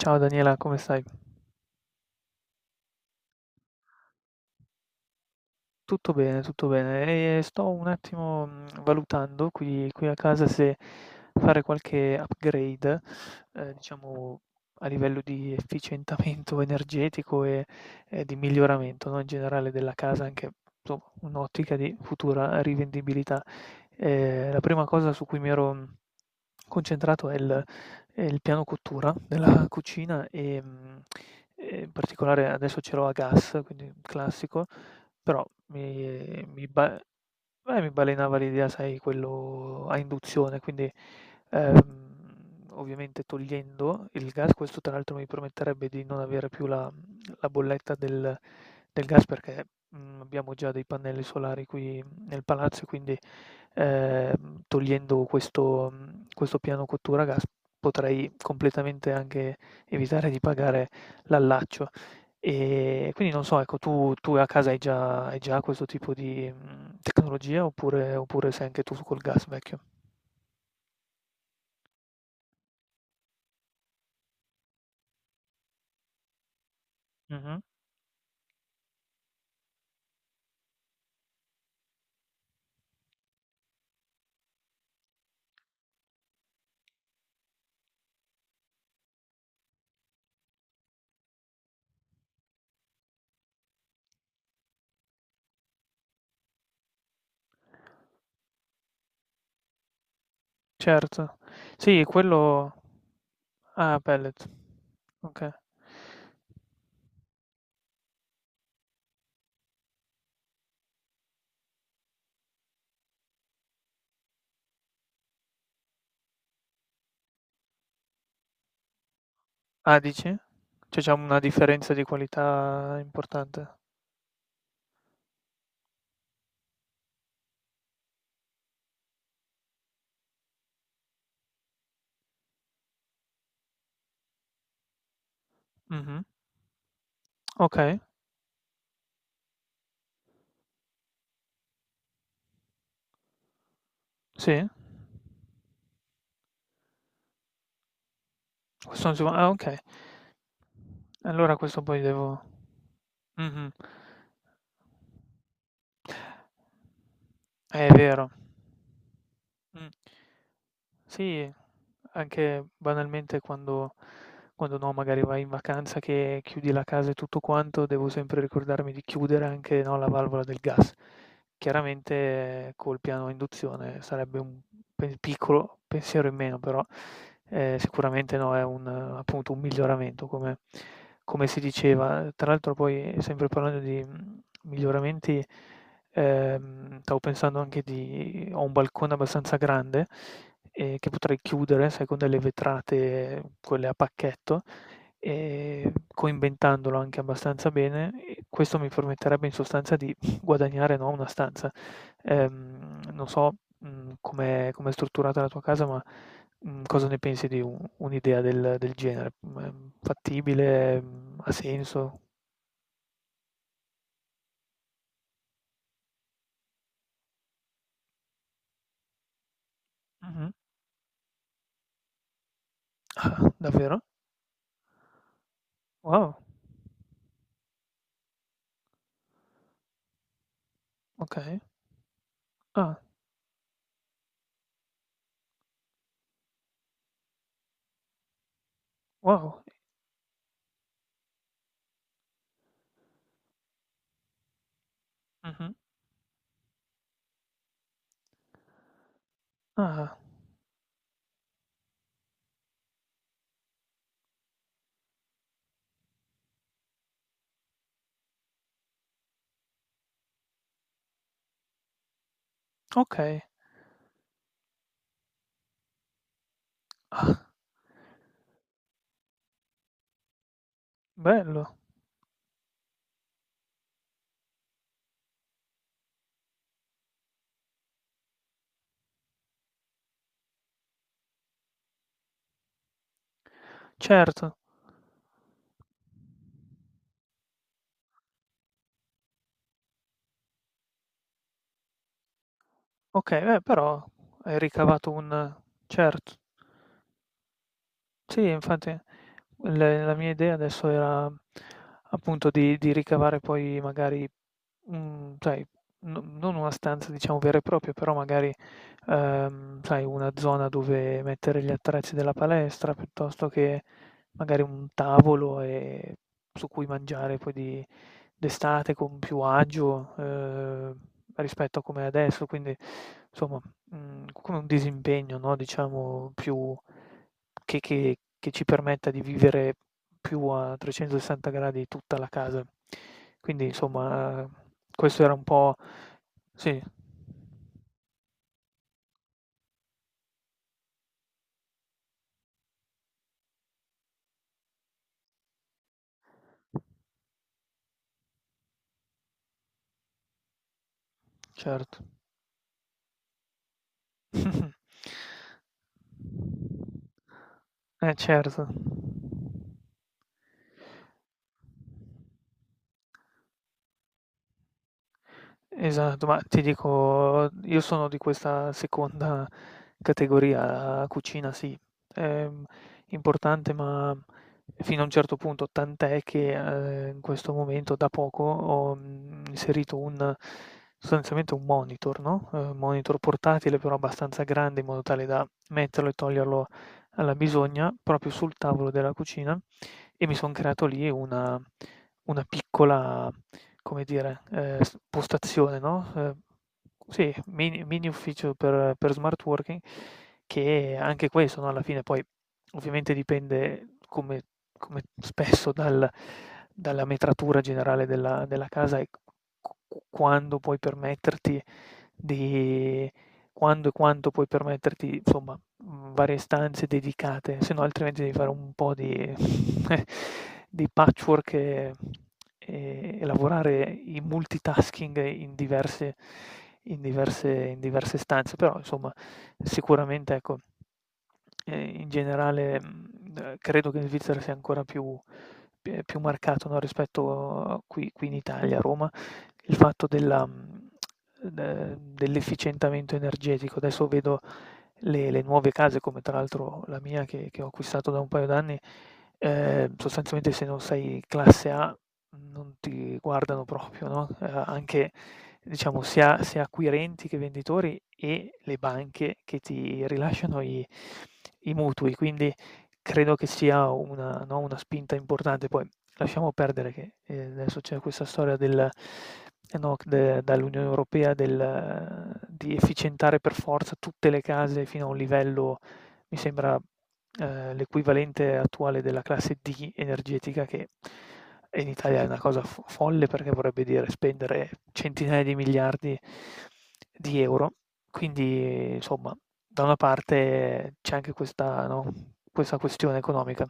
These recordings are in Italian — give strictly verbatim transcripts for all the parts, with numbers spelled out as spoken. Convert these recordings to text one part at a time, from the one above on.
Ciao Daniela, come stai? Tutto bene, tutto bene. E sto un attimo, mhmm, valutando qui qui a casa se fare qualche upgrade, ehm, diciamo a livello di efficientamento energetico e e di miglioramento, no, in generale della casa, anche insomma un'ottica di futura rivendibilità. Ehm, la prima cosa su cui mi ero, mhmm, concentrato è il è il piano cottura della cucina e, mhmm, e in particolare adesso ce l'ho a gas, quindi un classico. Però mi mi ba eh, mi balenava l'idea, sai, quello a induzione, quindi, ehm, ovviamente togliendo il gas, questo tra l'altro mi permetterebbe di non avere più la mhmm, la bolletta del del gas perché, mhmm, abbiamo già dei pannelli solari qui nel palazzo e quindi, ehm, togliendo questo mhmm, questo piano cottura a gas potrei completamente anche evitare di pagare l'allaccio. E quindi non so, ecco, tu tu a casa hai già hai già questo tipo di, mhmm, tecnologia oppure oppure sei anche tu col gas vecchio? Mh-mh. Certo. Sì, quello ah, pellet. Okay. Ah, dici? Cioè c'è una differenza di qualità importante? Mh-mh. Okay, sì. Questo su ah, okay. Allora questo poi devo mh-mh. È vero. Mh. Sì, anche banalmente quando quando no, magari vai in vacanza che chiudi la casa e tutto quanto, devo sempre ricordarmi di chiudere anche, no, la valvola del gas. Chiaramente eh, col piano a induzione sarebbe un pe- piccolo pensiero in meno, però eh, sicuramente no, è un, eh, appunto un miglioramento, come, come si diceva. Tra l'altro poi, sempre parlando di mm, miglioramenti, ehm, stavo pensando anche di ho un balcone abbastanza grande ehm, che potrei chiudere, sai, con delle vetrate, quelle a pacchetto, ehm, coinventandolo anche abbastanza bene, e questo mi permetterebbe in sostanza di guadagnare, no, una stanza. Ehm, non so, mhmm, com'è com'è strutturata la tua casa, ma, mhmm, cosa ne pensi di u un'idea del del genere? Mhmm, è fattibile? Mhmm, Ha senso? Mh-mh. Ah, davvero? Wow, okay. Ah, wow. Mh-mh. Ah, okay. Ah, bello. Certo, okay, eh, però hai ricavato un certo. Sì, infatti. Le La mia idea adesso era appunto di di ricavare poi magari, mhmm, sai, no non una stanza diciamo vera e propria, però magari, ehm, sai una zona dove mettere gli attrezzi della palestra, piuttosto che magari un tavolo, ehm, su cui mangiare poi di d'estate con più agio, ehm, rispetto a com'è adesso. Quindi insomma, mhmm, come un disimpegno, no, diciamo più che che che ci permetta di vivere più a trecentosessanta gradi tutta la casa. Quindi insomma, questo era un po' sì, certo. Eh certo. Esatto, ma ti dico, io sono di questa seconda categoria, cucina sì, è importante, ma fino a un certo punto, tant'è che eh, in questo momento da poco ho mm, inserito un, sostanzialmente un monitor, no? Eh, un monitor portatile però abbastanza grande in modo tale da metterlo e toglierlo alla bisogna proprio sul tavolo della cucina e mi sono creato lì una, una piccola come dire, ehm, s postazione, no, ehm, sì, mini mini ufficio per per smart working che anche questo, no, alla fine poi ovviamente dipende come come spesso dal dalla metratura generale della della casa e q q quando puoi permetterti di quando e quanto puoi permetterti, insomma, mhmm, varie stanze dedicate, se no altrimenti devi fare un po' di di patchwork e e e lavorare in multitasking in diverse in diverse in diverse stanze. Però insomma, sicuramente ecco, ehm, in generale, mhmm, eh, credo che in Svizzera sia ancora più p ehm, più marcato, no, rispetto a qui qui in Italia, a Roma, il fatto della mhmm ehm, dell'efficientamento energetico. Adesso vedo le le nuove case, come tra l'altro la mia che che ho acquistato da un paio d'anni, ehm, sostanzialmente se non sei classe A non ti guardano proprio, no, ehm, anche diciamo sia sia acquirenti che venditori e le banche che ti rilasciano i i mutui. Quindi credo che sia una, no, una spinta importante. Poi lasciamo perdere che eh, adesso c'è questa storia del, eh, no, de- dall'Unione Europea del, eh, di efficientare per forza tutte le case fino a un livello, mi sembra, eh, l'equivalente attuale della classe D energetica, che in Italia è una cosa fo- folle perché vorrebbe dire spendere centinaia di miliardi di euro quindi insomma, da una parte c'è anche questa, no, questa questione economica.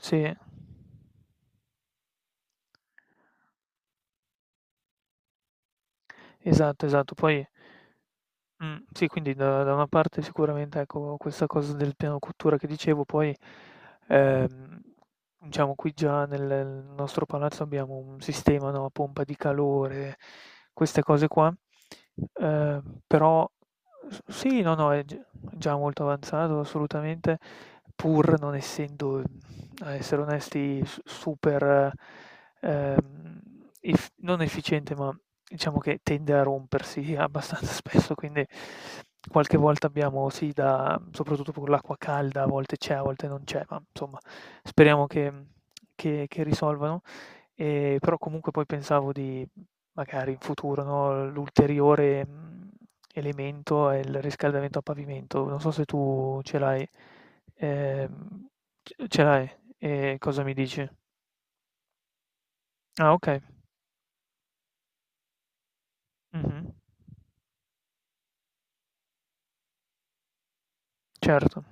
Sì. Esatto, esatto. Poi mh, sì, quindi da da una parte sicuramente, ecco, questa cosa del piano cottura che dicevo, poi, ehm, diciamo qui già nel nostro palazzo abbiamo un sistema, no, a pompa di calore, queste cose qua, ehm, però s sì, no, no, è g già molto avanzato assolutamente, pur non essendo a essere onesti, s super, ehm, ef non efficiente, ma diciamo che tende a rompersi abbastanza spesso, quindi qualche volta abbiamo sì da soprattutto con l'acqua calda, a volte c'è, a volte non c'è, ma insomma speriamo che che che risolvano. Ehm, però comunque poi pensavo di magari in futuro, no, l'ulteriore, mhmm, elemento è il riscaldamento a pavimento. Non so se tu ce l'hai ehm, c ce l'hai? E cosa mi dici? Ah, okay. Mh-mh. Certo.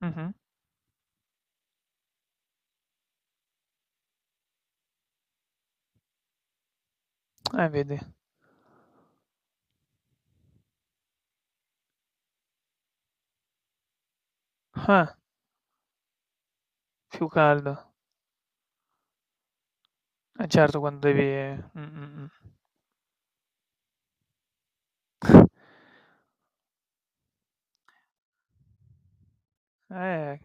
Mh-mh. Eh, vedi. Ah, più caldo. Eh, certo quando devi mh, mh, mh. Eh,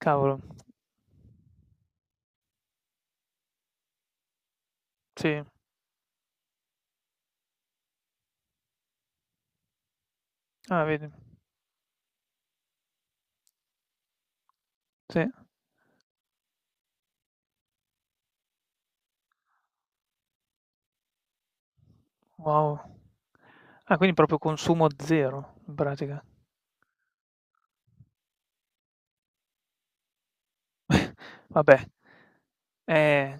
cavolo. Sì. Ah, vedi. Sì. Wow. Ah, quindi proprio consumo zero in pratica. Vabbè, eh,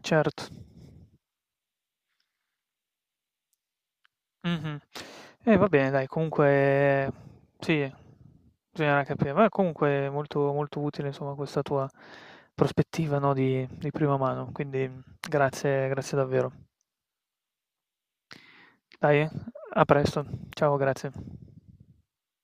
certo. Mh-mh. Eh, va bene dai, comunque sì, bisognerà capire. Ma comunque molto molto utile insomma questa tua prospettiva, no, di di prima mano, quindi grazie grazie davvero. Dai, a presto. Ciao, grazie.